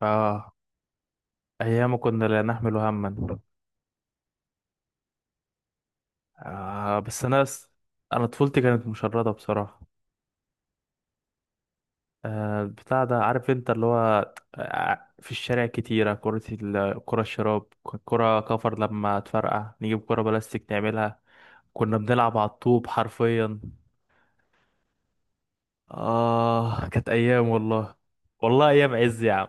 اه، ايام كنا لا نحمل هما. آه بس انا طفولتي كانت مشردة بصراحة. بتاع ده، عارف انت، اللي هو في الشارع كتيرة. كرة الشراب، كرة كفر لما تفرقع نجيب كرة بلاستيك نعملها. كنا بنلعب على الطوب حرفيا. اه كانت ايام والله. والله ايام عز يا عم.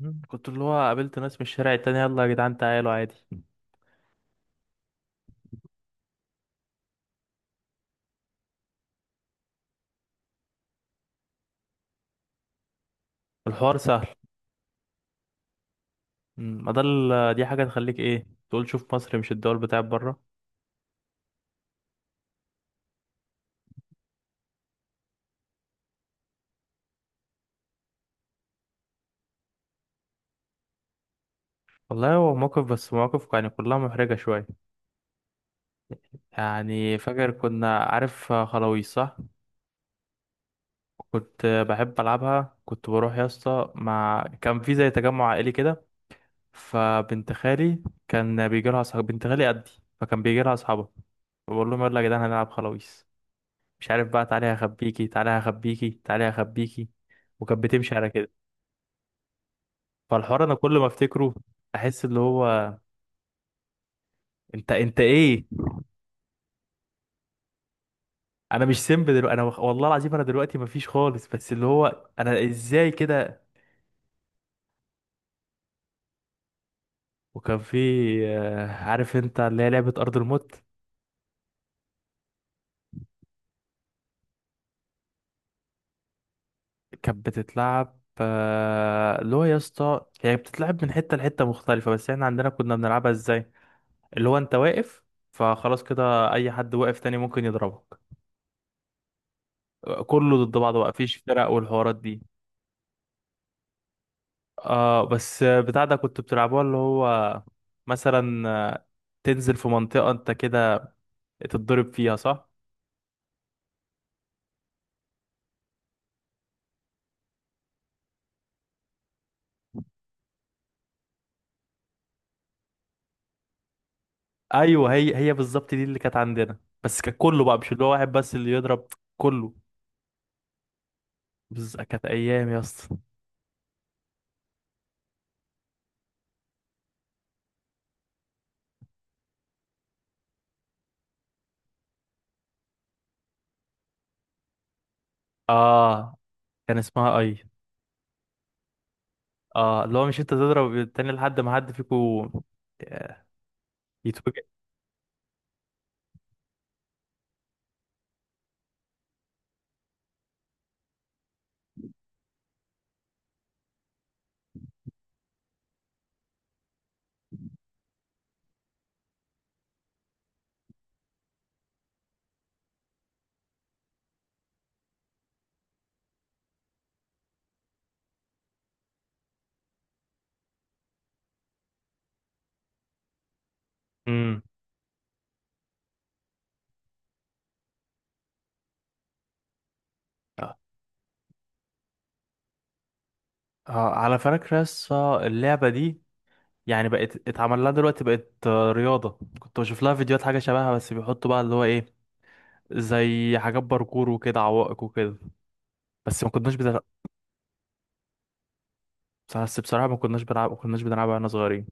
مم. كنت اللي هو قابلت ناس من الشارع التاني، يلا يا جدعان تعالوا عادي. الحوار سهل. مم، ما ده دي حاجة تخليك ايه تقول: شوف مصر مش الدول بتاعت بره. والله هو موقف، بس مواقف يعني كلها محرجة شوية. يعني فاكر كنا، عارف، خلاويص صح؟ كنت بحب ألعبها. كنت بروح يا اسطى مع كان في زي تجمع عائلي كده. فبنت خالي كان بيجي لها أصحاب، بنت خالي قدي، فكان بيجي لها أصحابها. بقول لهم يلا يا جدعان هنلعب خلاويص، مش عارف بقى، تعالي هخبيكي تعالي هخبيكي تعالي هخبيكي. وكانت بتمشي على كده. فالحوار انا كل ما افتكره احس اللي هو، انت ايه؟ انا مش سيمب دلوقتي، انا والله العظيم انا دلوقتي مفيش خالص، بس اللي هو انا ازاي كده؟ وكان في عارف انت اللي هي لعبة ارض الموت. كانت بتتلعب اللي هو يا اسطى، هي بتتلعب من حتة لحتة مختلفة، بس احنا عندنا كنا بنلعبها ازاي، اللي هو انت واقف فخلاص كده، اي حد واقف تاني ممكن يضربك. كله ضد بعض بقى، مفيش فرق والحوارات دي. اه بس بتاع ده كنت بتلعبوها اللي هو مثلا تنزل في منطقة انت كده تتضرب فيها صح؟ ايوه، هي بالظبط دي اللي كانت عندنا، بس كان كله بقى، مش اللي هو واحد بس اللي يضرب، كله. بس كانت ايام يا اسطى. اه كان اسمها اي. اه اللي هو مش انت تضرب التاني لحد ما حد فيكو يتوجع. امم. آه. على فكرة يس، اللعبة دي يعني بقت اتعمل لها دلوقتي، بقت رياضة. كنت بشوف لها فيديوهات حاجة شبهها، بس بيحطوا بقى اللي هو ايه، زي حاجات باركور وكده، عوائق وكده. بس ما كناش بتلعب. بس بصراحة ما كناش بنلعب، ما كناش بنلعبها واحنا صغيرين.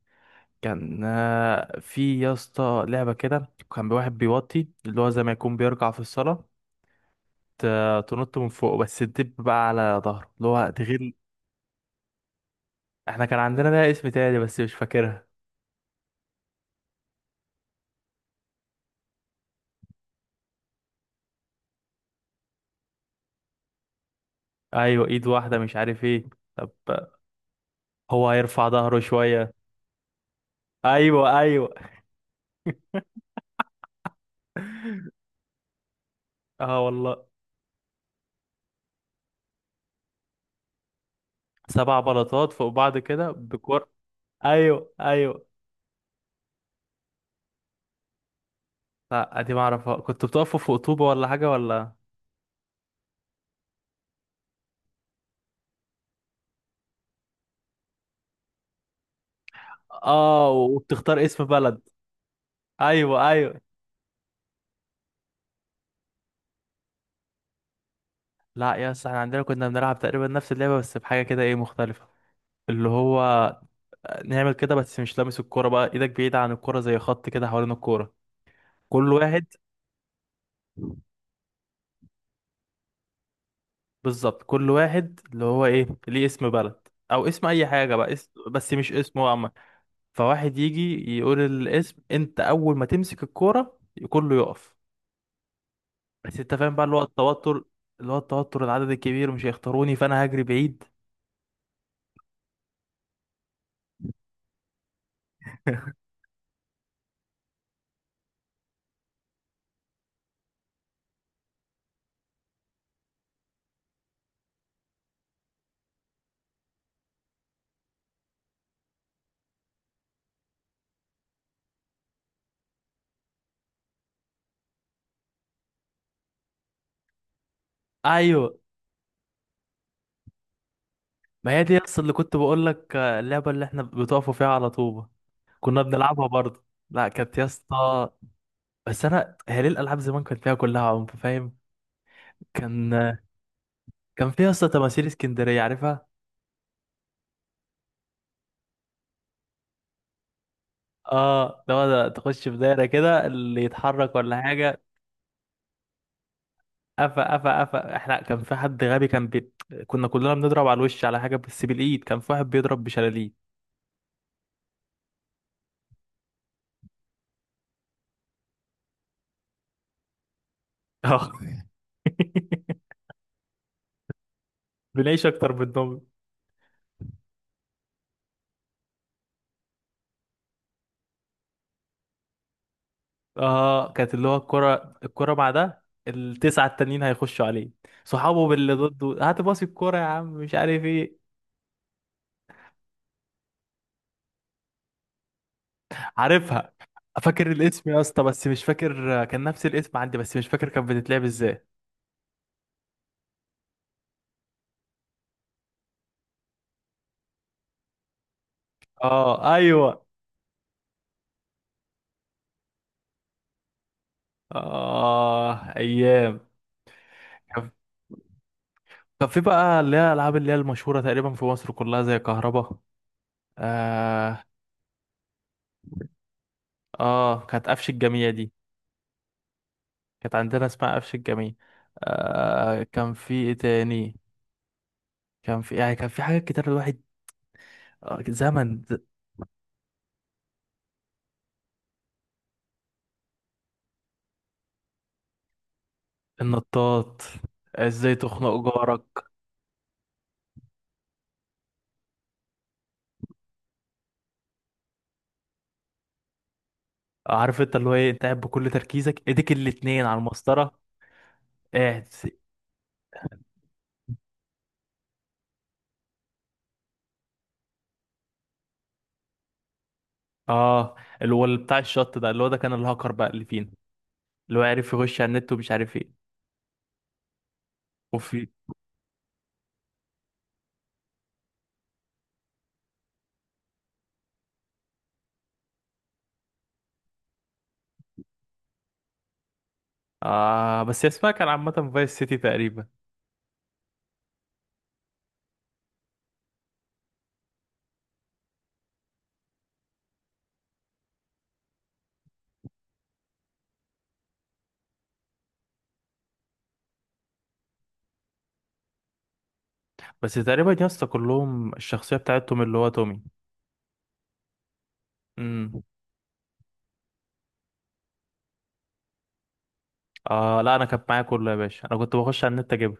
كان في يا اسطى لعبة كده، كان واحد بيوطي اللي هو زي ما يكون بيرجع في الصلاة، ت- تنط من فوق، بس تدب بقى على ظهره اللي هو تغير. احنا كان عندنا لها اسم تاني بس مش فاكرها. ايوه، ايد واحدة مش عارف ايه. طب هو هيرفع ظهره شوية. ايوه ايوه. اه والله. 7 بلاطات فوق بعض كده بكور. ايوه ايوه. لا دي ما اعرفها. كنت بتقفوا فوق طوبة ولا حاجة ولا؟ اه وبتختار اسم بلد. ايوه ايوه. لا يا اسطى، احنا عندنا كنا بنلعب تقريبا نفس اللعبة، بس بحاجة كده ايه مختلفة، اللي هو نعمل كده بس مش لامس الكورة، بقى ايدك بعيدة عن الكورة، زي خط كده حوالين الكورة، كل واحد. بالظبط، كل واحد اللي هو ايه ليه اسم بلد او اسم اي حاجة بقى اسم، بس مش اسمه عامة. فواحد يجي يقول الاسم، انت اول ما تمسك الكورة كله يقف، بس انت فاهم بقى اللي هو التوتر، اللي هو التوتر، العدد الكبير مش هيختاروني فانا هجري بعيد. ايوه، ما هي دي اصل اللي كنت بقول لك اللعبه اللي احنا بتقفوا فيها على طوبه. كنا بنلعبها برضه. لا كانت يا اسطى، بس انا هي ليه الالعاب زمان كانت فيها كلها عنف فاهم؟ كان كان فيها يا اسطى تماثيل اسكندريه عارفها؟ اه لو ده تخش في دايره كده اللي يتحرك ولا حاجه. قفا قفا قفا. احنا كان في حد غبي كان كنا كلنا بنضرب على الوش على حاجه بس بالايد، كان في واحد بيضرب بشلاليه. اه. بنعيش اكتر منهم. اه كانت اللي هو الكرة مع ده ال9 التانيين هيخشوا عليه صحابه، باللي ضده، هات باصي الكرة يا عم مش عارف ايه. عارفها، فاكر الاسم يا اسطى، بس مش فاكر كان نفس الاسم عندي، بس مش فاكر كانت بتتلعب ازاي. اه ايوه. اه ايام. كان كان في بقى اللي هي الالعاب اللي هي المشهورة تقريبا في مصر كلها، زي كهربا. اه. اه كانت قفش الجميع دي، كانت عندنا اسمها قفش الجميع. آه، كان في ايه تاني؟ كان في يعني، كان في حاجات كتير الواحد. آه، زمن ز- النطاط، ازاي تخنق جارك. عارف انت اللي هو ايه، انت قاعد بكل تركيزك، ايديك الاتنين على المسطرة، قاعد. اه، اللي هو اللي بتاع الشط ده، اللي هو ده كان الهاكر بقى اللي فينا، اللي هو عارف يخش على النت ومش عارف ايه. وفي بس هي اسمها كان عامة فايس سيتي تقريبا. بس تقريبا يا اسطى كلهم الشخصية بتاعتهم اللي هو تومي. امم. اه لا انا كانت معايا كله يا باشا، انا كنت بخش على النت اجيبها.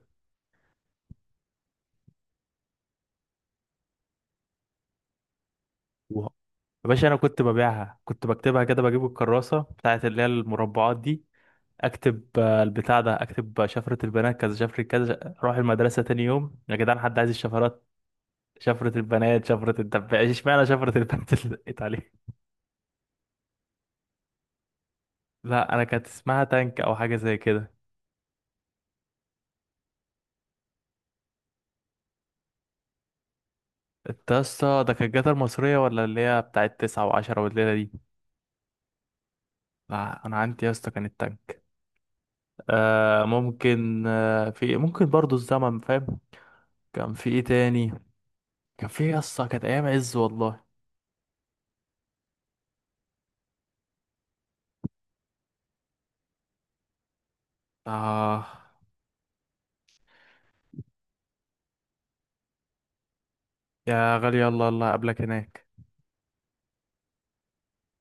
يا باشا انا كنت ببيعها، كنت بكتبها كده بجيب الكراسه بتاعت اللي هي المربعات دي، اكتب البتاع ده، اكتب شفره البنات كذا، شفره كذا، اروح المدرسه تاني يوم يا جدعان حد عايز الشفرات؟ شفره البنات، شفره الدبابه، اشمعنى شفره البنات اللي دقيت عليها؟ لا انا كانت اسمها تانك او حاجه زي كده. انت يا اسطى ده كانت جاتا المصريه ولا اللي هي بتاعت 9 و10 والليله دي؟ لا انا عندي يا اسطى كانت تانك. آه ممكن، آه في ممكن برضو الزمن فاهم. كان في ايه تاني؟ كان في يا اسطى كانت ايام عز والله. اه يا غالي، الله الله قبلك هناك.